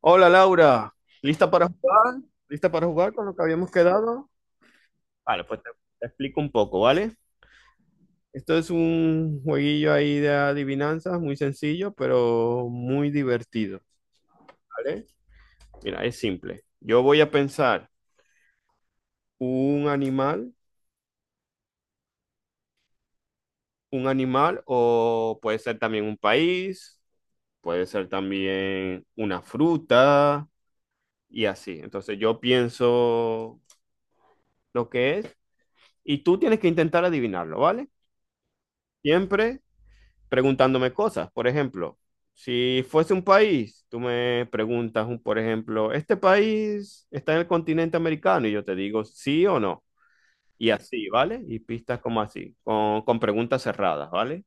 Hola Laura, ¿lista para jugar? ¿Lista para jugar con lo que habíamos quedado? Vale, pues te explico un poco, ¿vale? Esto es un jueguillo ahí de adivinanzas, muy sencillo, pero muy divertido, ¿vale? Mira, es simple. Yo voy a pensar un animal, un animal o puede ser también un país, puede ser también una fruta y así. Entonces yo pienso lo que es y tú tienes que intentar adivinarlo, ¿vale? Siempre preguntándome cosas. Por ejemplo, si fuese un país, tú me preguntas, por ejemplo, ¿este país está en el continente americano? Y yo te digo sí o no. Y así, ¿vale? Y pistas como así, con preguntas cerradas, ¿vale?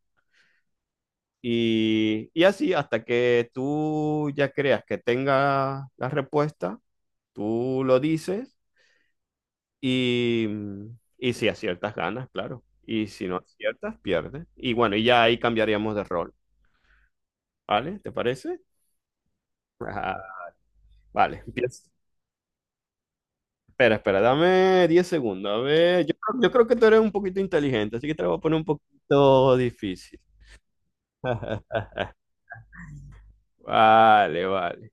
Y así, hasta que tú ya creas que tenga la respuesta, tú lo dices y, y si aciertas, ganas, claro. Y si no aciertas, pierdes. Y bueno, y ya ahí cambiaríamos de rol, ¿vale? ¿Te parece? Vale, empieza. Espera, espera, dame 10 segundos. A ver, yo creo que tú eres un poquito inteligente, así que te lo voy a poner un poquito difícil. Vale, vale.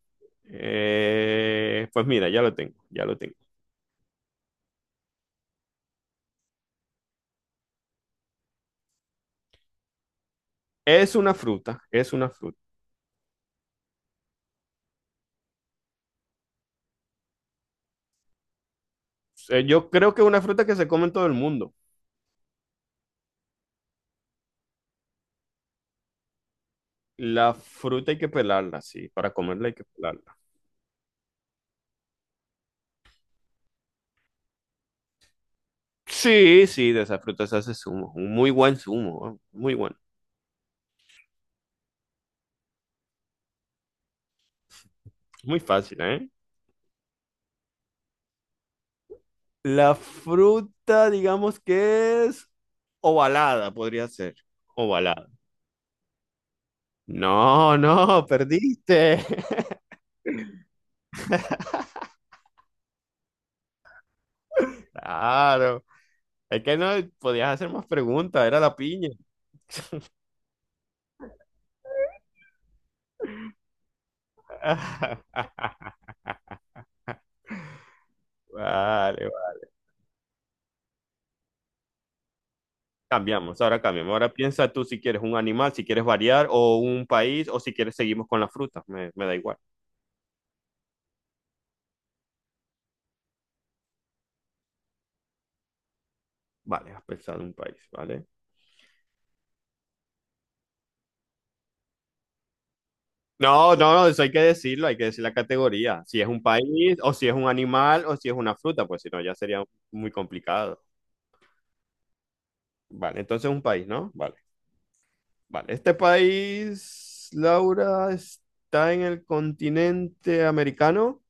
Pues mira, ya lo tengo, ya lo tengo. Es una fruta, es una fruta. Yo creo que es una fruta que se come en todo el mundo. La fruta hay que pelarla, sí, para comerla hay que pelarla. Sí, sí, de esa fruta se hace zumo, un muy buen zumo, ¿eh? Muy bueno, muy fácil, ¿eh? La fruta, digamos que es ovalada, podría ser. Ovalada. No, no, perdiste. Claro. Es que no podías hacer más preguntas, era la piña. Vale, vale. Cambiamos. Ahora piensa tú si quieres un animal, si quieres variar, o un país, o si quieres seguimos con la fruta. Me da igual. Vale, has pensado en un país, ¿vale? No, no, no, eso hay que decirlo, hay que decir la categoría. Si es un país, o si es un animal, o si es una fruta, pues si no, ya sería muy complicado. Vale, entonces un país, ¿no? Vale, vale. Este país, Laura, está en el continente americano.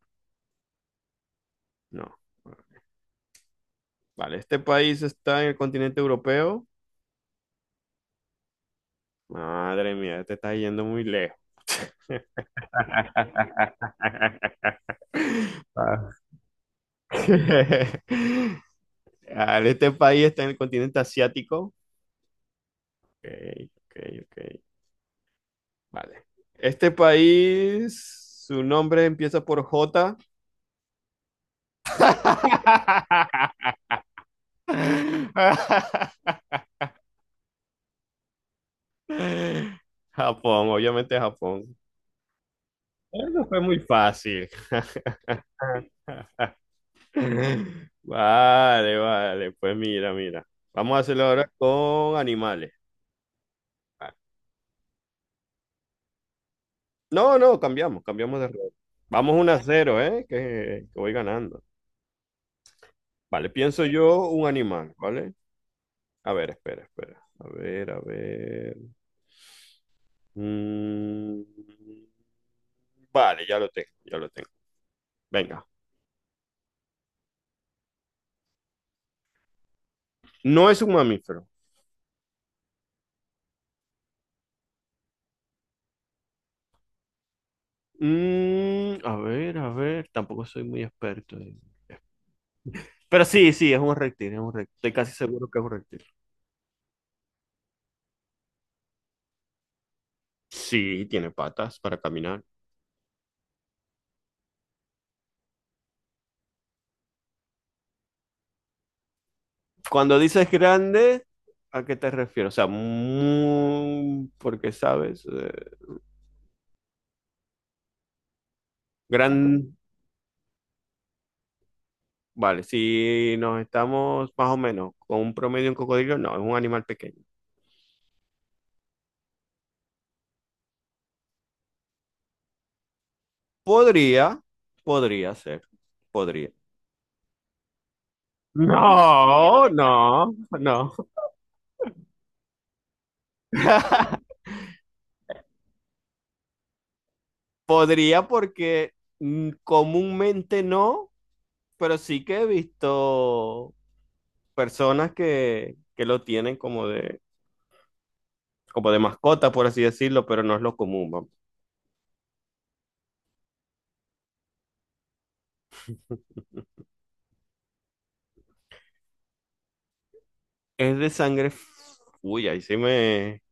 No. Vale, este país está en el continente europeo. Madre mía, te estás yendo muy lejos. Ah. Vale, este país está en el continente asiático. Ok, ok, ok. Vale. Este país, su nombre empieza por J. Japón, obviamente Japón. Eso fue muy fácil. Vale, vale. Pues mira, mira. Vamos a hacerlo ahora con animales. Vale. No, no, cambiamos, cambiamos de rol. Vamos 1-0, ¿eh? que voy ganando. Vale, pienso yo un animal, ¿vale? A ver, espera, espera. A ver, a ver. Mm, vale, ya lo tengo, ya lo tengo. Venga. No es un mamífero. A ver, a ver. Tampoco soy muy experto. Pero sí, sí, es un reptil, es un reptil. Estoy casi seguro que es un reptil. Sí, tiene patas para caminar. Cuando dices grande, ¿a qué te refieres? O sea, muy, porque sabes. Gran... Vale, si nos estamos más o menos con un promedio en cocodrilo, no, es un animal pequeño. Podría, podría ser, podría. No, no, no. Podría porque comúnmente no, pero sí que he visto personas que lo tienen como de mascota, por así decirlo, pero no es lo común, vamos. Es de sangre. Uy, ahí sí me.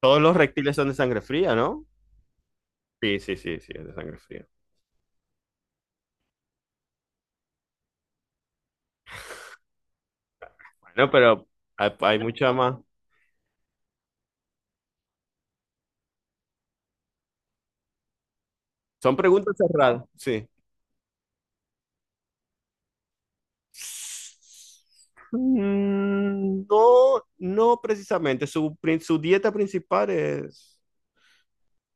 Todos los reptiles son de sangre fría, ¿no? Sí, sí, sí, sí, es de sangre fría. Bueno, pero hay mucha más. Son preguntas cerradas, sí. No, no precisamente. Su dieta principal es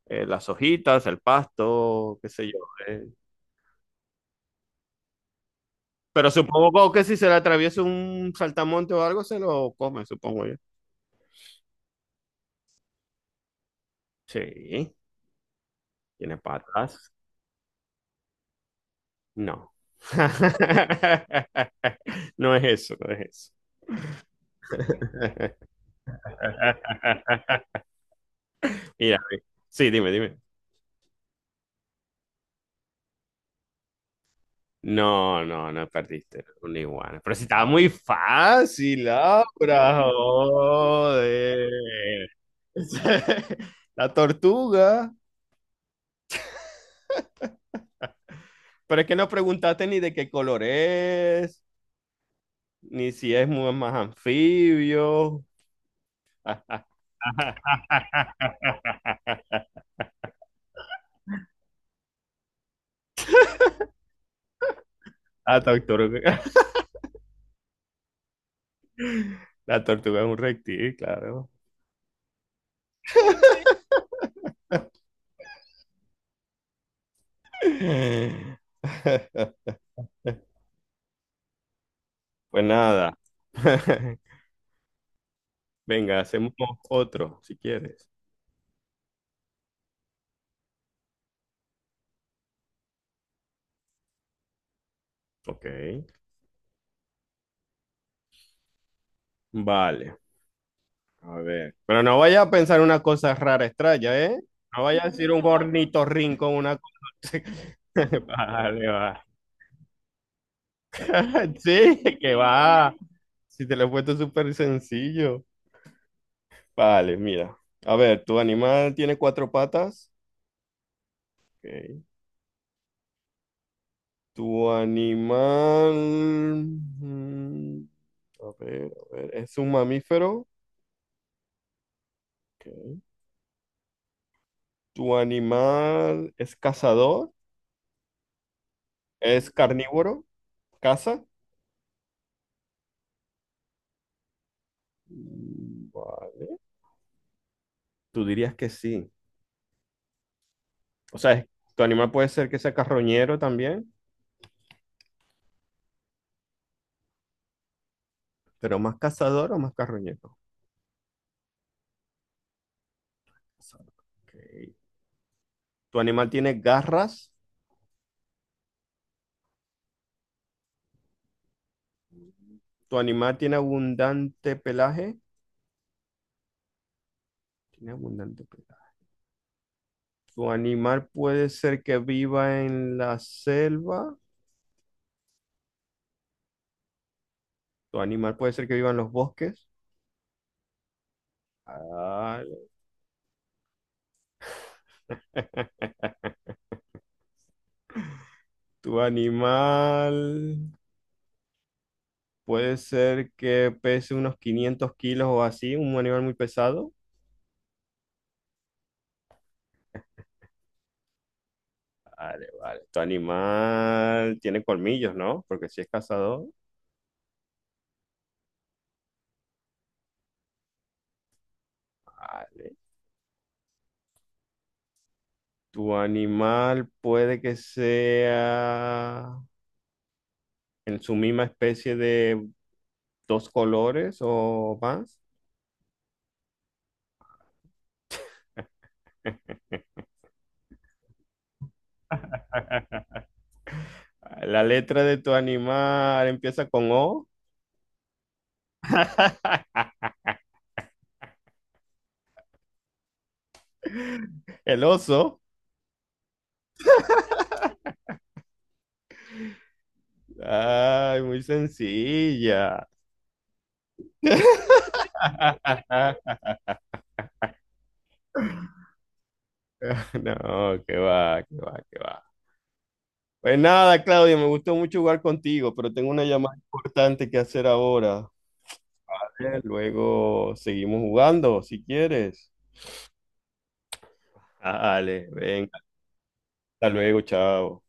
las hojitas, el pasto, qué sé yo. eh. Pero supongo que si se le atraviesa un saltamonte o algo, se lo come, supongo yo. Sí, tiene patas. No. No es eso, no es eso. Mira, sí, dime, dime. No, no, no perdiste un iguana. Pero si estaba muy fácil, Laura, joder. La tortuga. Pero es que no preguntaste ni de qué color es, ni si es más anfibio. La tortuga. La tortuga es un reptil, claro. Pues nada. Venga, hacemos otro, si quieres. Ok, vale, a ver. Pero no vaya a pensar una cosa rara, extraña, ¿eh? No vaya a decir un ornitorrinco, una cosa. Vale, va. Sí, que va. Si te lo he puesto súper sencillo. Vale, mira. A ver, ¿tu animal tiene cuatro patas? Ok. ¿Tu animal? mm, a ver, ¿es un mamífero? Ok. ¿Tu animal es cazador? ¿Es carnívoro? ¿Caza? Mm, vale. Tú dirías que sí. O sea, tu animal puede ser que sea carroñero también, pero más cazador o más carroñero. Cazador. Ok. Tu animal tiene garras. Tu animal tiene abundante pelaje. Tiene abundante pelaje. Tu animal puede ser que viva en la selva. Tu animal puede ser que viva en los bosques. Vale. Tu animal puede ser que pese unos 500 kilos o así, un animal muy pesado. Vale, vale. Tu animal tiene colmillos, ¿no? Porque si es cazador. Vale. Tu animal puede que sea en su misma especie de dos colores o más. La letra de tu animal empieza con O. El oso. Ay, muy sencilla. No, que va, que va, que va. Pues nada, Claudio, me gustó mucho jugar contigo, pero tengo una llamada importante que hacer ahora. ¿Vale? Luego seguimos jugando, si quieres. Ah, dale, venga, hasta luego, chao.